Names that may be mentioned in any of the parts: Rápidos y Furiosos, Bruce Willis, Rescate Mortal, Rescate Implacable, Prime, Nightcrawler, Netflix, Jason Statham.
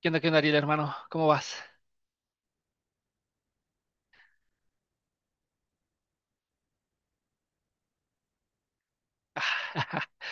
Qué onda, Ariel, hermano? ¿Cómo vas?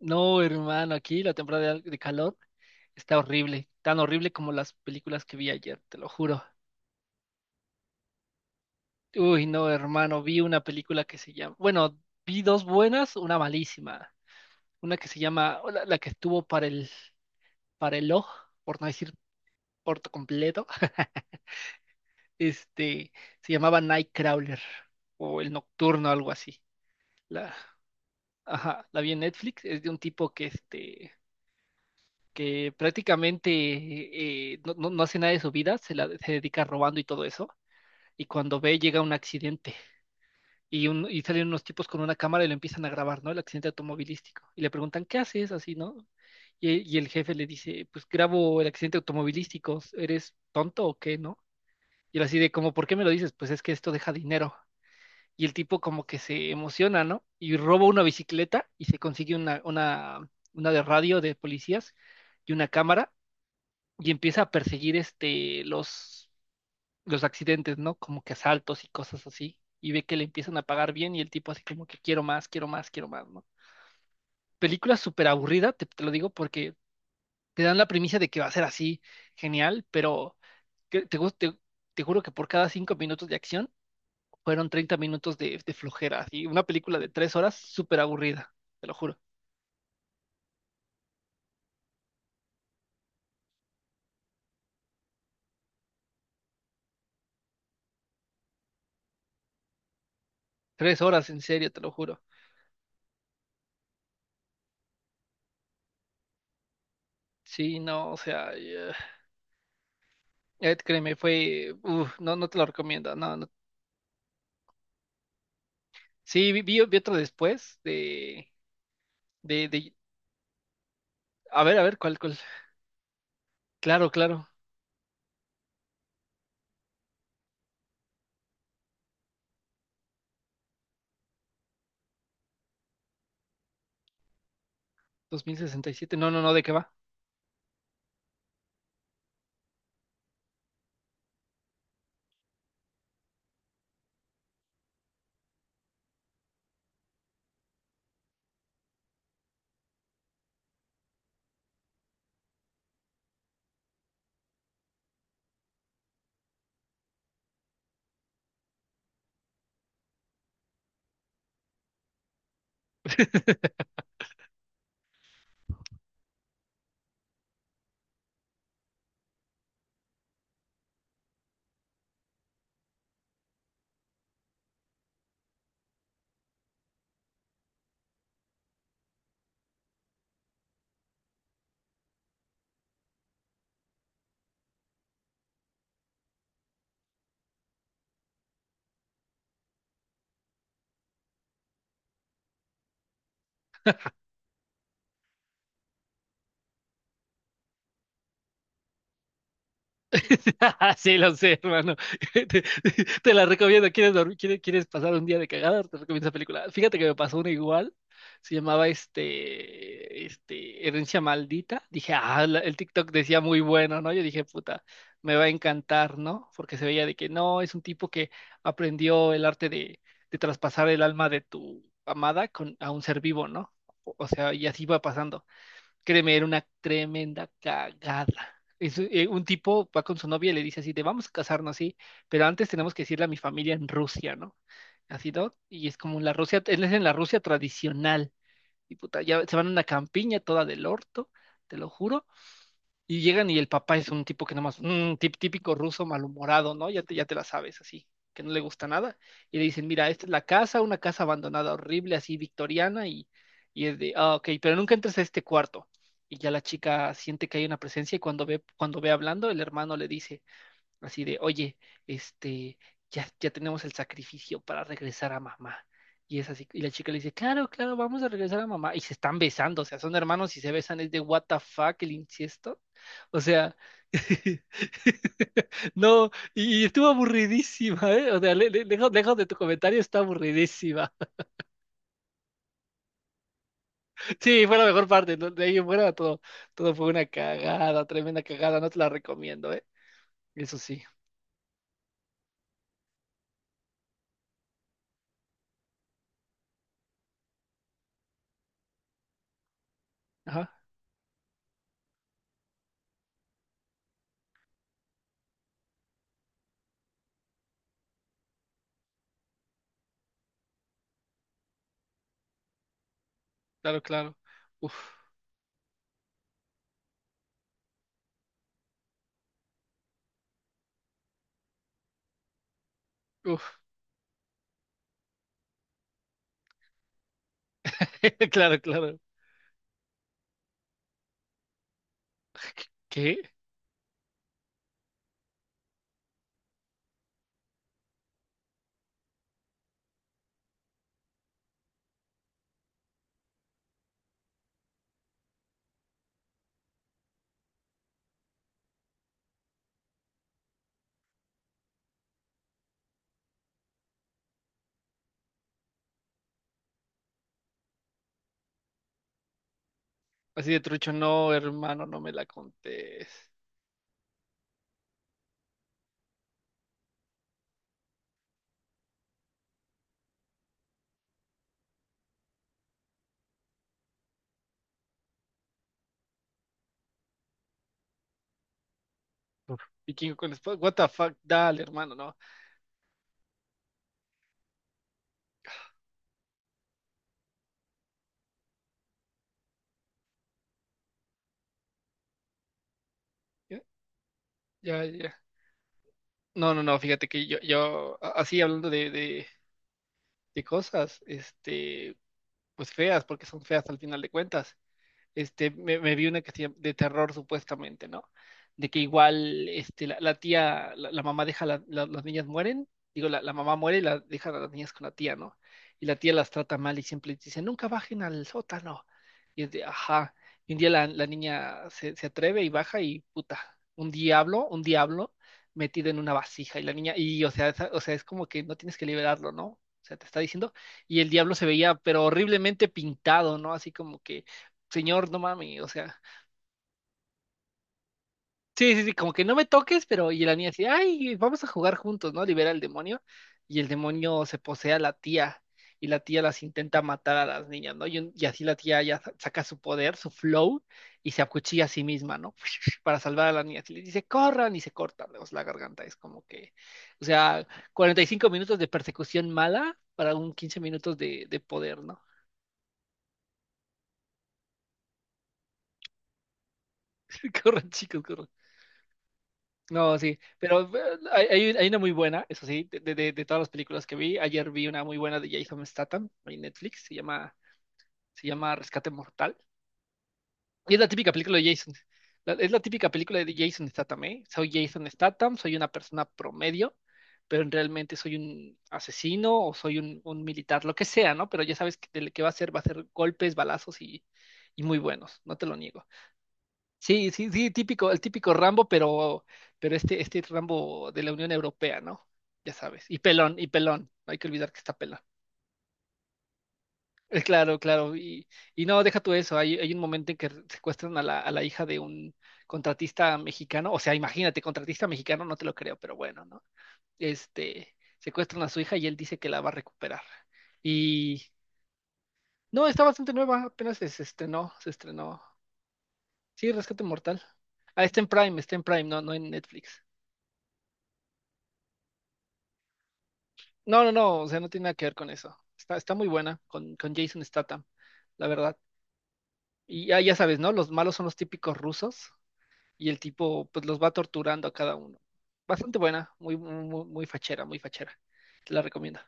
No, hermano, aquí la temporada de calor está horrible, tan horrible como las películas que vi ayer, te lo juro. Uy, no, hermano, vi una película que se llama, bueno, vi dos buenas, una malísima, una que se llama, o la que estuvo para para el ojo, por no decir por completo, este, se llamaba Nightcrawler o El Nocturno, algo así. La, ajá, la vi en Netflix. Es de un tipo que que prácticamente no hace nada de su vida, se, la, se dedica robando y todo eso, y cuando ve llega un accidente y, y salen unos tipos con una cámara y lo empiezan a grabar, ¿no? El accidente automovilístico, y le preguntan, ¿qué haces así, no? Y el jefe le dice, pues grabo el accidente automovilístico, ¿eres tonto o qué, no? Y él así de como, ¿por qué me lo dices? Pues es que esto deja dinero. Y el tipo como que se emociona, ¿no? Y roba una bicicleta y se consigue una de radio de policías y una cámara y empieza a perseguir los accidentes, ¿no? Como que asaltos y cosas así. Y ve que le empiezan a pagar bien y el tipo así como que quiero más, quiero más, quiero más, ¿no? Película súper aburrida, te lo digo porque te dan la premisa de que va a ser así genial, pero que te, gus- te juro que por cada 5 minutos de acción fueron 30 minutos de flojera, y una película de tres horas súper aburrida, te lo juro. Tres horas, en serio, te lo juro. Sí, no, o sea, créeme, fue, uf, no, no te lo recomiendo, no, no. Sí, vi, vi otro después de, de, de- a ver, ¿cuál, cuál? Claro, claro. 2067. No, no, no, ¿de qué va? Sí, lo sé, hermano. Te, te te la recomiendo. ¿Quieres dormir? ¿Quieres, quieres pasar un día de cagada? Te recomiendo esa película. Fíjate que me pasó una igual. Se llamaba Herencia Maldita. Dije, ah, el TikTok decía muy bueno, ¿no? Yo dije, puta, me va a encantar, ¿no? Porque se veía de que no, es un tipo que aprendió el arte de traspasar el alma de tu amada con, a un ser vivo, ¿no? O sea, y así va pasando. Créeme, era una tremenda cagada. Es, un tipo va con su novia y le dice así, te vamos a casarnos, sí, pero antes tenemos que decirle a mi familia en Rusia, ¿no? Así, ¿no? Y es como la Rusia, él es en la Rusia tradicional. Y puta, ya se van a una campiña toda del orto, te lo juro. Y llegan y el papá es un tipo que nomás, más, típico ruso malhumorado, ¿no? Ya te la sabes, así, que no le gusta nada. Y le dicen, mira, esta es la casa, una casa abandonada, horrible, así, victoriana, y es de, ah, ok, pero nunca entres a este cuarto. Y ya la chica siente que hay una presencia y cuando ve hablando, el hermano le dice, así de, oye, este, ya tenemos el sacrificio para regresar a mamá. Y es así, y la chica le dice, claro, claro, vamos a regresar a mamá. Y se están besando, o sea, son hermanos y se besan, es de what the fuck el incesto. O sea, no, y estuvo aburridísima, ¿eh? O sea, lejos, lejos de tu comentario está aburridísima. Sí, fue la mejor parte, ¿no? De ahí en fuera todo, todo fue una cagada, tremenda cagada, no te la recomiendo, ¿eh? Eso sí. Ajá, claro, claro. Uf, uf, claro, claro. ¿Qué? Así de trucho, no, hermano, no me la contés. Uf. Vikingo con espada, what the fuck, dale, hermano, no. Ya, ya, ya. No, no, no, fíjate que así hablando de cosas, pues feas, porque son feas al final de cuentas. Me vi una que se llama- de terror supuestamente, ¿no? De que igual, la tía, la mamá deja, las niñas mueren, digo, la mamá muere y la, deja a las niñas con la tía, ¿no? Y la tía las trata mal y siempre les dice, nunca bajen al sótano. Y es de, ajá. Y un día la niña se, se atreve y baja y, puta, un diablo metido en una vasija. Y la niña, y, o sea, esa- o sea, es como que no tienes que liberarlo, ¿no? O sea, te está diciendo, y el diablo se veía, pero horriblemente pintado, ¿no? Así como que señor, no mami, o sea, sí, sí, sí, como que no me toques, pero y la niña así, ay, vamos a jugar juntos, ¿no? Libera al demonio y el demonio se posee a la tía y la tía las intenta matar a las niñas, ¿no? Y, y así la tía ya saca su poder, su flow y se acuchilla a sí misma, ¿no? Para salvar a las niñas y les dice, corran y se cortan pues, la garganta, es como que, o sea, 45 minutos de persecución mala para un 15 minutos de poder, ¿no? Corran, chicos, corran. No, sí, pero hay una muy buena, eso sí, de, de todas las películas que vi. Ayer vi una muy buena de Jason Statham en Netflix, se llama Rescate Mortal. Y es la típica película de Jason. La- es la típica película de Jason Statham, ¿eh? Soy Jason Statham, soy una persona promedio, pero realmente soy un asesino o soy un militar, lo que sea, ¿no? Pero ya sabes que de lo que va a ser golpes, balazos y muy buenos, no te lo niego. Sí, sí, sí, típico, el típico Rambo, pero este Rambo de la Unión Europea, ¿no? Ya sabes. Y pelón, y pelón. No hay que olvidar que está pelón. Claro, claro. Y no, deja tú eso. Hay un momento en que secuestran a a la hija de un contratista mexicano. O sea, imagínate, contratista mexicano, no te lo creo, pero bueno, ¿no? Secuestran a su hija y él dice que la va a recuperar. Y no, está bastante nueva, apenas se estrenó, se estrenó. Sí, Rescate Mortal. Ah, está en Prime, no, no en Netflix. No, no, no, o sea, no tiene nada que ver con eso. Está, está muy buena con Jason Statham, la verdad. Y ya, ya sabes, ¿no? Los malos son los típicos rusos y el tipo pues los va torturando a cada uno. Bastante buena, muy, muy, muy fachera, muy fachera. Te la recomiendo.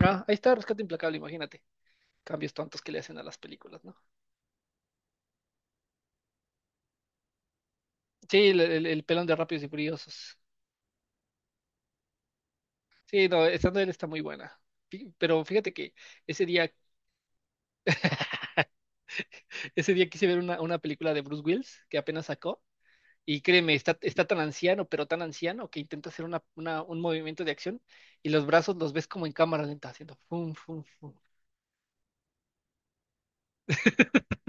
Ah, ahí está Rescate Implacable, imagínate. Cambios tontos que le hacen a las películas, ¿no? Sí, el, el pelón de Rápidos y Furiosos. Sí, no, esta de él está muy buena. Pero fíjate que ese día, ese día quise ver una película de Bruce Willis que apenas sacó. Y créeme, está, está tan anciano, pero tan anciano, que intenta hacer una, un movimiento de acción y los brazos los ves como en cámara lenta, haciendo fum, fum, fum.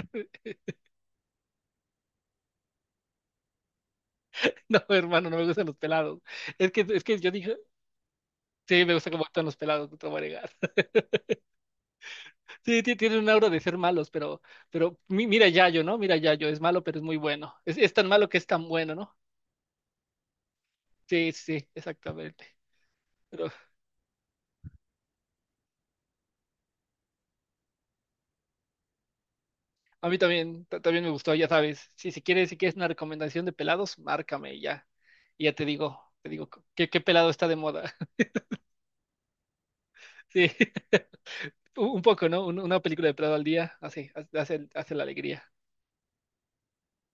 No, hermano, no me gustan los pelados. Es que yo dije, sí, me gusta cómo actúan los pelados, no te voy a negar. Sí, tienen un aura de ser malos, pero mira Yayo, ¿no? Mira Yayo, es malo, pero es muy bueno. Es tan malo que es tan bueno, ¿no? Sí, sí, sí, exactamente. A mí también, también me gustó, ya sabes. Sí, si quieres, si quieres una recomendación de pelados, márcame y ya. Y ya te digo, qué, qué pelado está de moda. Sí, un poco, ¿no? Una película de pelado al día hace, hace, hace la alegría.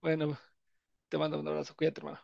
Bueno, te mando un abrazo, cuídate, hermano.